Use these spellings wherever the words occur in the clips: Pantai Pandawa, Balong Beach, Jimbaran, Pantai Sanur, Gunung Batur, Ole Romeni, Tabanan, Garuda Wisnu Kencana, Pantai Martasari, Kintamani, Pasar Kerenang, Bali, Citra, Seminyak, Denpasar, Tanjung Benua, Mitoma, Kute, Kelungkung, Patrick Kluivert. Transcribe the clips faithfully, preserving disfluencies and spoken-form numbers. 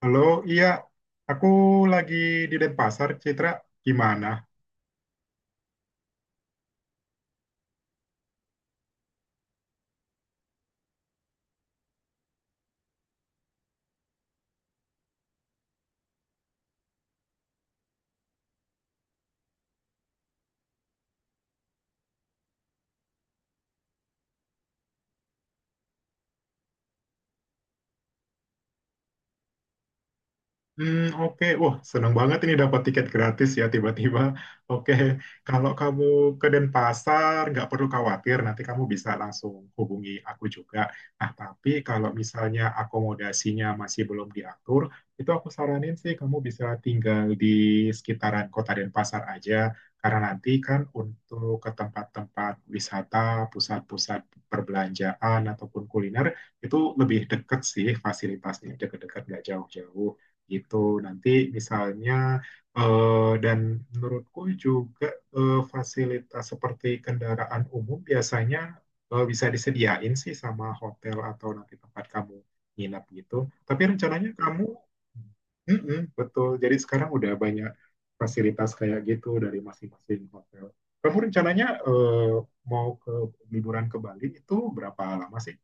Halo, iya, aku lagi di Denpasar, Citra. Gimana? Hmm, oke. Wah, senang banget ini dapat tiket gratis ya tiba-tiba. Oke, kalau kamu ke Denpasar, nggak perlu khawatir, nanti kamu bisa langsung hubungi aku juga. Nah, tapi kalau misalnya akomodasinya masih belum diatur, itu aku saranin sih kamu bisa tinggal di sekitaran kota Denpasar aja, karena nanti kan untuk ke tempat-tempat wisata, pusat-pusat perbelanjaan ataupun kuliner, itu lebih deket sih fasilitasnya, deket-deket nggak jauh-jauh gitu. Nanti misalnya eh, dan menurutku juga, eh, fasilitas seperti kendaraan umum biasanya eh, bisa disediain sih sama hotel atau nanti tempat kamu nginap gitu. Tapi rencananya kamu. Mm-mm, betul. Jadi sekarang udah banyak fasilitas kayak gitu dari masing-masing hotel. Kamu rencananya eh, mau ke liburan ke Bali itu berapa lama sih?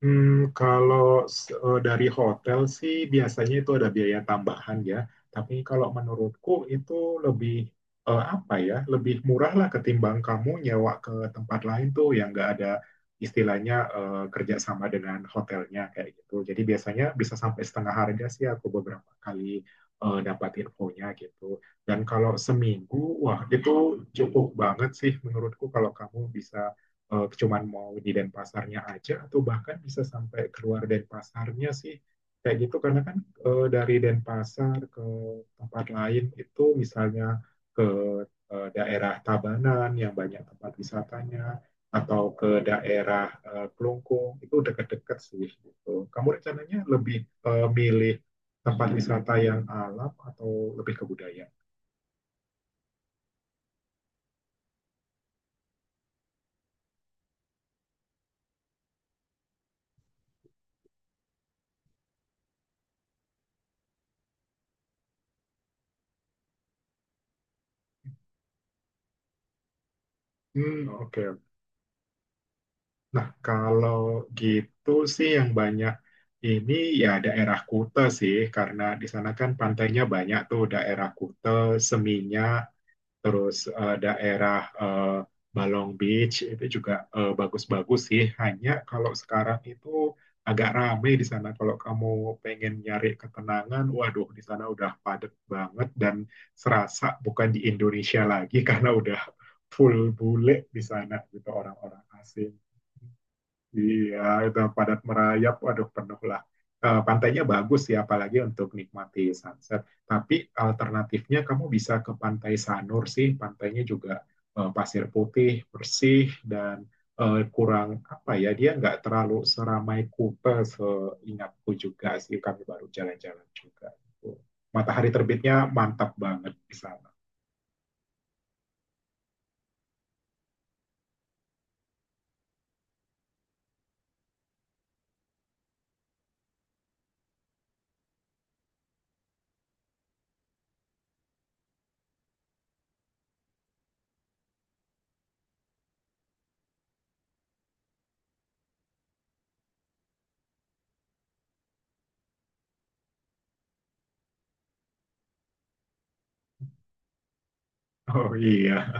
Hmm, kalau eh, dari hotel sih biasanya itu ada biaya tambahan ya. Tapi kalau menurutku itu lebih eh, apa ya, lebih murah lah ketimbang kamu nyewa ke tempat lain tuh yang nggak ada istilahnya eh, kerjasama dengan hotelnya kayak gitu. Jadi biasanya bisa sampai setengah harga sih aku beberapa kali eh, dapat infonya gitu. Dan kalau seminggu, wah itu cukup banget sih menurutku kalau kamu bisa eh, cuman mau di Denpasarnya aja atau bahkan bisa sampai keluar Denpasarnya sih kayak gitu karena kan eh, dari Denpasar ke tempat lain itu misalnya ke eh, daerah Tabanan yang banyak tempat wisatanya atau ke daerah eh, Kelungkung itu dekat-dekat sih gitu. Kamu rencananya lebih eh, milih tempat wisata yang alam atau lebih ke budaya? Hmm, oke. okay, Nah, kalau gitu sih yang banyak ini ya daerah Kute sih, karena di sana kan pantainya banyak tuh daerah Kute, Seminyak, terus eh, daerah eh, Balong Beach itu juga eh, bagus-bagus sih. Hanya kalau sekarang itu agak rame di sana. Kalau kamu pengen nyari ketenangan, waduh di sana udah padat banget dan serasa bukan di Indonesia lagi karena udah full bule di sana gitu orang-orang asing. Iya, udah padat merayap, aduh penuh lah. Eh, pantainya bagus ya, apalagi untuk nikmati sunset. Tapi alternatifnya kamu bisa ke Pantai Sanur sih, pantainya juga eh, pasir putih, bersih, dan eh, kurang apa ya, dia nggak terlalu seramai Kuta seingatku juga sih, kami baru jalan-jalan juga. Gitu. Matahari terbitnya mantap banget di sana. Oh iya,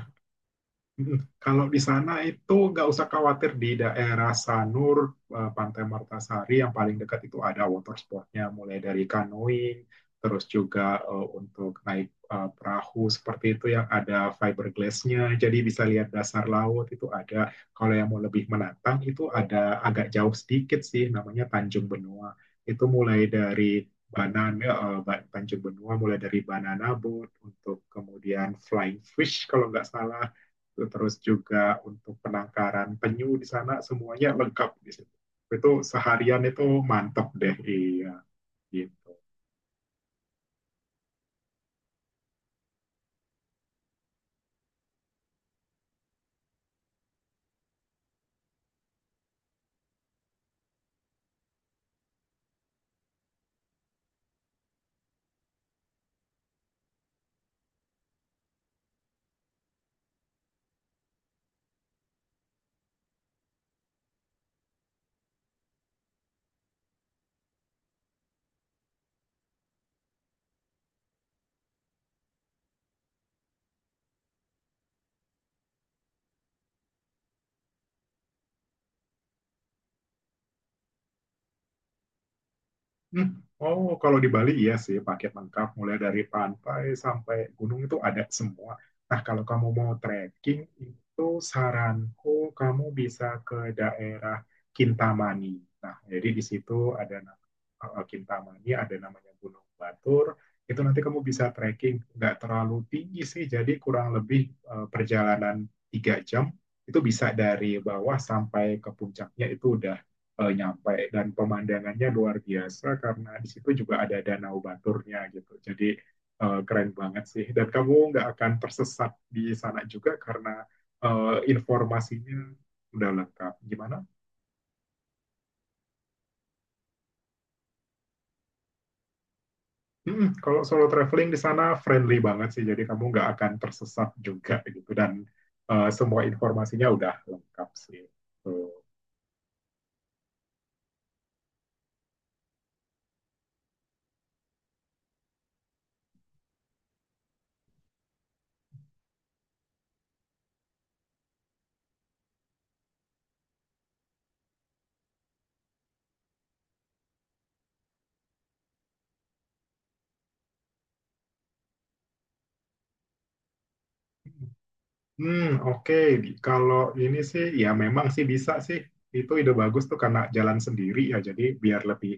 Mm, kalau di sana itu nggak usah khawatir di daerah Sanur, eh, Pantai Martasari yang paling dekat itu ada water sportnya, mulai dari canoeing, terus juga eh, untuk naik eh, perahu seperti itu yang ada fiberglassnya, jadi bisa lihat dasar laut itu ada. Kalau yang mau lebih menantang itu ada agak jauh sedikit sih, namanya Tanjung Benua. Itu mulai dari Banana, eh, Ba- Tanjung Benua mulai dari banana boat untuk kemudian flying fish kalau nggak salah terus juga untuk penangkaran penyu di sana semuanya lengkap di situ. Itu seharian itu mantap deh, iya gitu. Hmm. Oh, kalau di Bali iya sih, paket lengkap mulai dari pantai sampai gunung itu ada semua. Nah, kalau kamu mau trekking itu saranku kamu bisa ke daerah Kintamani. Nah, jadi di situ ada na- eh, Kintamani, ada namanya Gunung Batur. Itu nanti kamu bisa trekking, nggak terlalu tinggi sih, jadi kurang lebih eh, perjalanan tiga jam itu bisa dari bawah sampai ke puncaknya itu udah eh, nyampe dan pemandangannya luar biasa karena di situ juga ada danau baturnya gitu. Jadi eh, keren banget sih. Dan kamu nggak akan tersesat di sana juga karena eh, informasinya udah lengkap. Gimana? Mm, kalau solo traveling di sana friendly banget sih. Jadi kamu nggak akan tersesat juga gitu dan eh, semua informasinya udah lengkap sih. Tuh. Hmm, oke. Kalau ini sih, ya memang sih bisa sih. Itu ide bagus tuh karena jalan sendiri ya, jadi biar lebih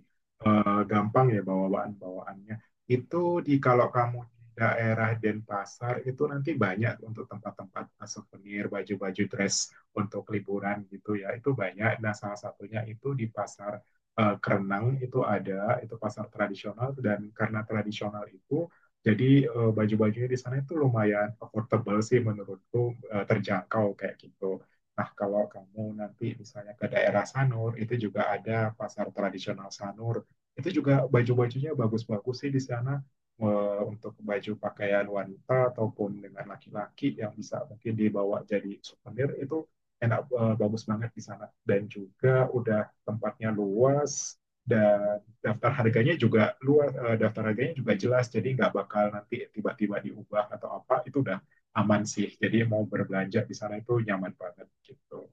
eh, gampang ya bawaan-bawaannya. Itu di kalau kamu di daerah Denpasar itu nanti banyak untuk tempat-tempat souvenir, baju-baju dress untuk liburan gitu ya. Itu banyak. Nah, salah satunya itu di Pasar eh, Kerenang itu ada, itu pasar tradisional dan karena tradisional itu jadi eh, baju-bajunya di sana itu lumayan affordable sih menurutku, eh, terjangkau kayak gitu. Nah, kalau kamu nanti misalnya ke daerah Sanur, itu juga ada pasar tradisional Sanur. Itu juga baju-bajunya bagus-bagus sih di sana eh, untuk baju pakaian wanita ataupun dengan laki-laki yang bisa mungkin dibawa jadi souvenir itu enak eh, bagus banget di sana. Dan juga udah tempatnya luas dan daftar harganya juga luar eh, daftar harganya juga jelas jadi nggak bakal nanti tiba-tiba diubah atau apa itu udah aman sih jadi mau berbelanja di sana itu nyaman banget gitu.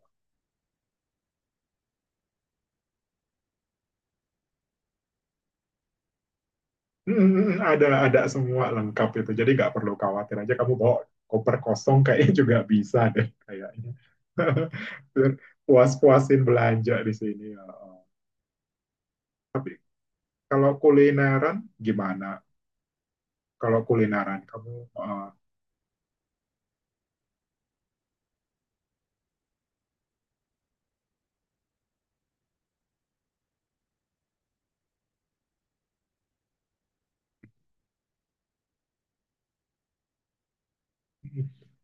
Hmm, hmm, hmm, ada ada semua lengkap itu jadi nggak perlu khawatir aja kamu bawa koper kosong kayaknya juga bisa deh kayaknya puas-puasin belanja di sini ya. Oh. Tapi kalau kulineran gimana? Kalau kulineran kamu eh,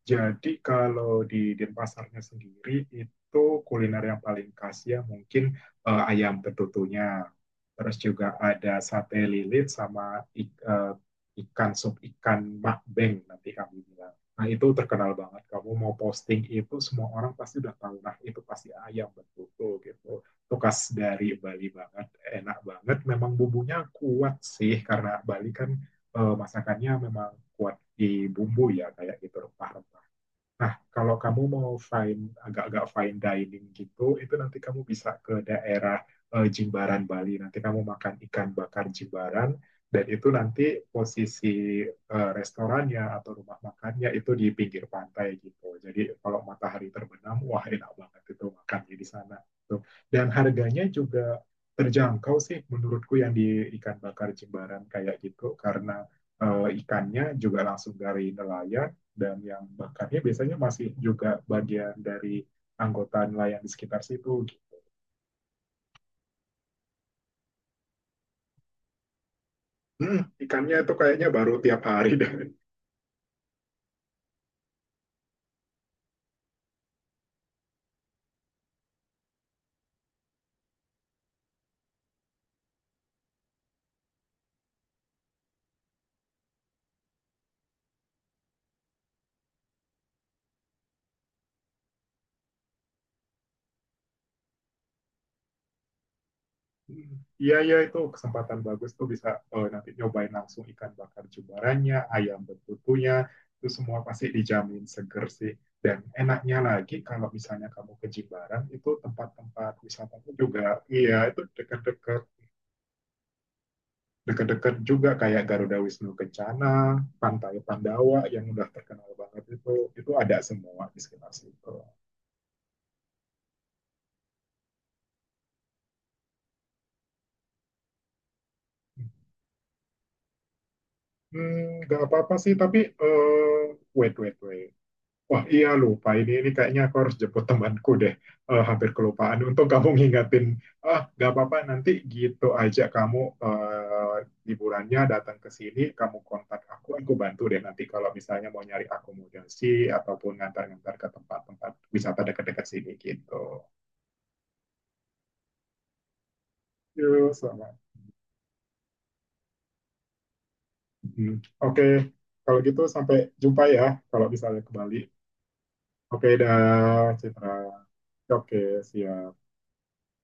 Jadi kalau di Denpasarnya sendiri itu kuliner yang paling khas ya mungkin eh, ayam betutunya. Terus juga ada sate lilit sama ik- eh, ikan sup ikan makbeng nanti kami bilang. Nah itu terkenal banget. Kamu mau posting itu semua orang pasti udah tahu. Nah itu pasti ayam betutu gitu. Itu khas dari Bali banget. Enak banget. Memang bumbunya kuat sih karena Bali kan eh, masakannya memang kuat dibumbui ya kayak gitu rempah-rempah. Nah, kalau kamu mau fine agak-agak fine dining gitu, itu nanti kamu bisa ke daerah eh, Jimbaran Bali. Nanti kamu makan ikan bakar Jimbaran dan itu nanti posisi eh, restorannya atau rumah makannya itu di pinggir pantai gitu. Jadi kalau matahari terbenam, wah enak banget itu makannya di sana. Tuh. Dan harganya juga terjangkau sih menurutku yang di ikan bakar Jimbaran kayak gitu karena eh, ikannya juga langsung dari nelayan dan yang bakarnya biasanya masih juga bagian dari anggota nelayan di sekitar situ. Hmm, ikannya itu kayaknya baru tiap hari dan iya iya itu kesempatan bagus tuh bisa eh, nanti nyobain langsung ikan bakar jumbaranya, ayam betutunya, itu semua pasti dijamin seger sih. Dan enaknya lagi kalau misalnya kamu ke Jimbaran itu tempat-tempat wisatanya juga iya itu dekat-dekat deket-deket juga kayak Garuda Wisnu Kencana, Pantai Pandawa yang udah terkenal banget itu itu ada semua di sekitar situ. Hmm, nggak apa-apa sih, tapi uh, wait wait wait. Wah, iya lupa ini ini kayaknya aku harus jemput temanku deh. Eh, hampir kelupaan. Untung kamu ngingatin. Ah, nggak apa-apa nanti gitu aja kamu eh, liburannya datang ke sini, kamu kontak aku, aku bantu deh nanti kalau misalnya mau nyari akomodasi ataupun ngantar-ngantar ke tempat-tempat wisata dekat-dekat sini gitu. Yuk, sama. Mhm. Oke, kalau gitu sampai jumpa ya kalau misalnya ke Bali. Oke, dah, Citra. Oke, siap.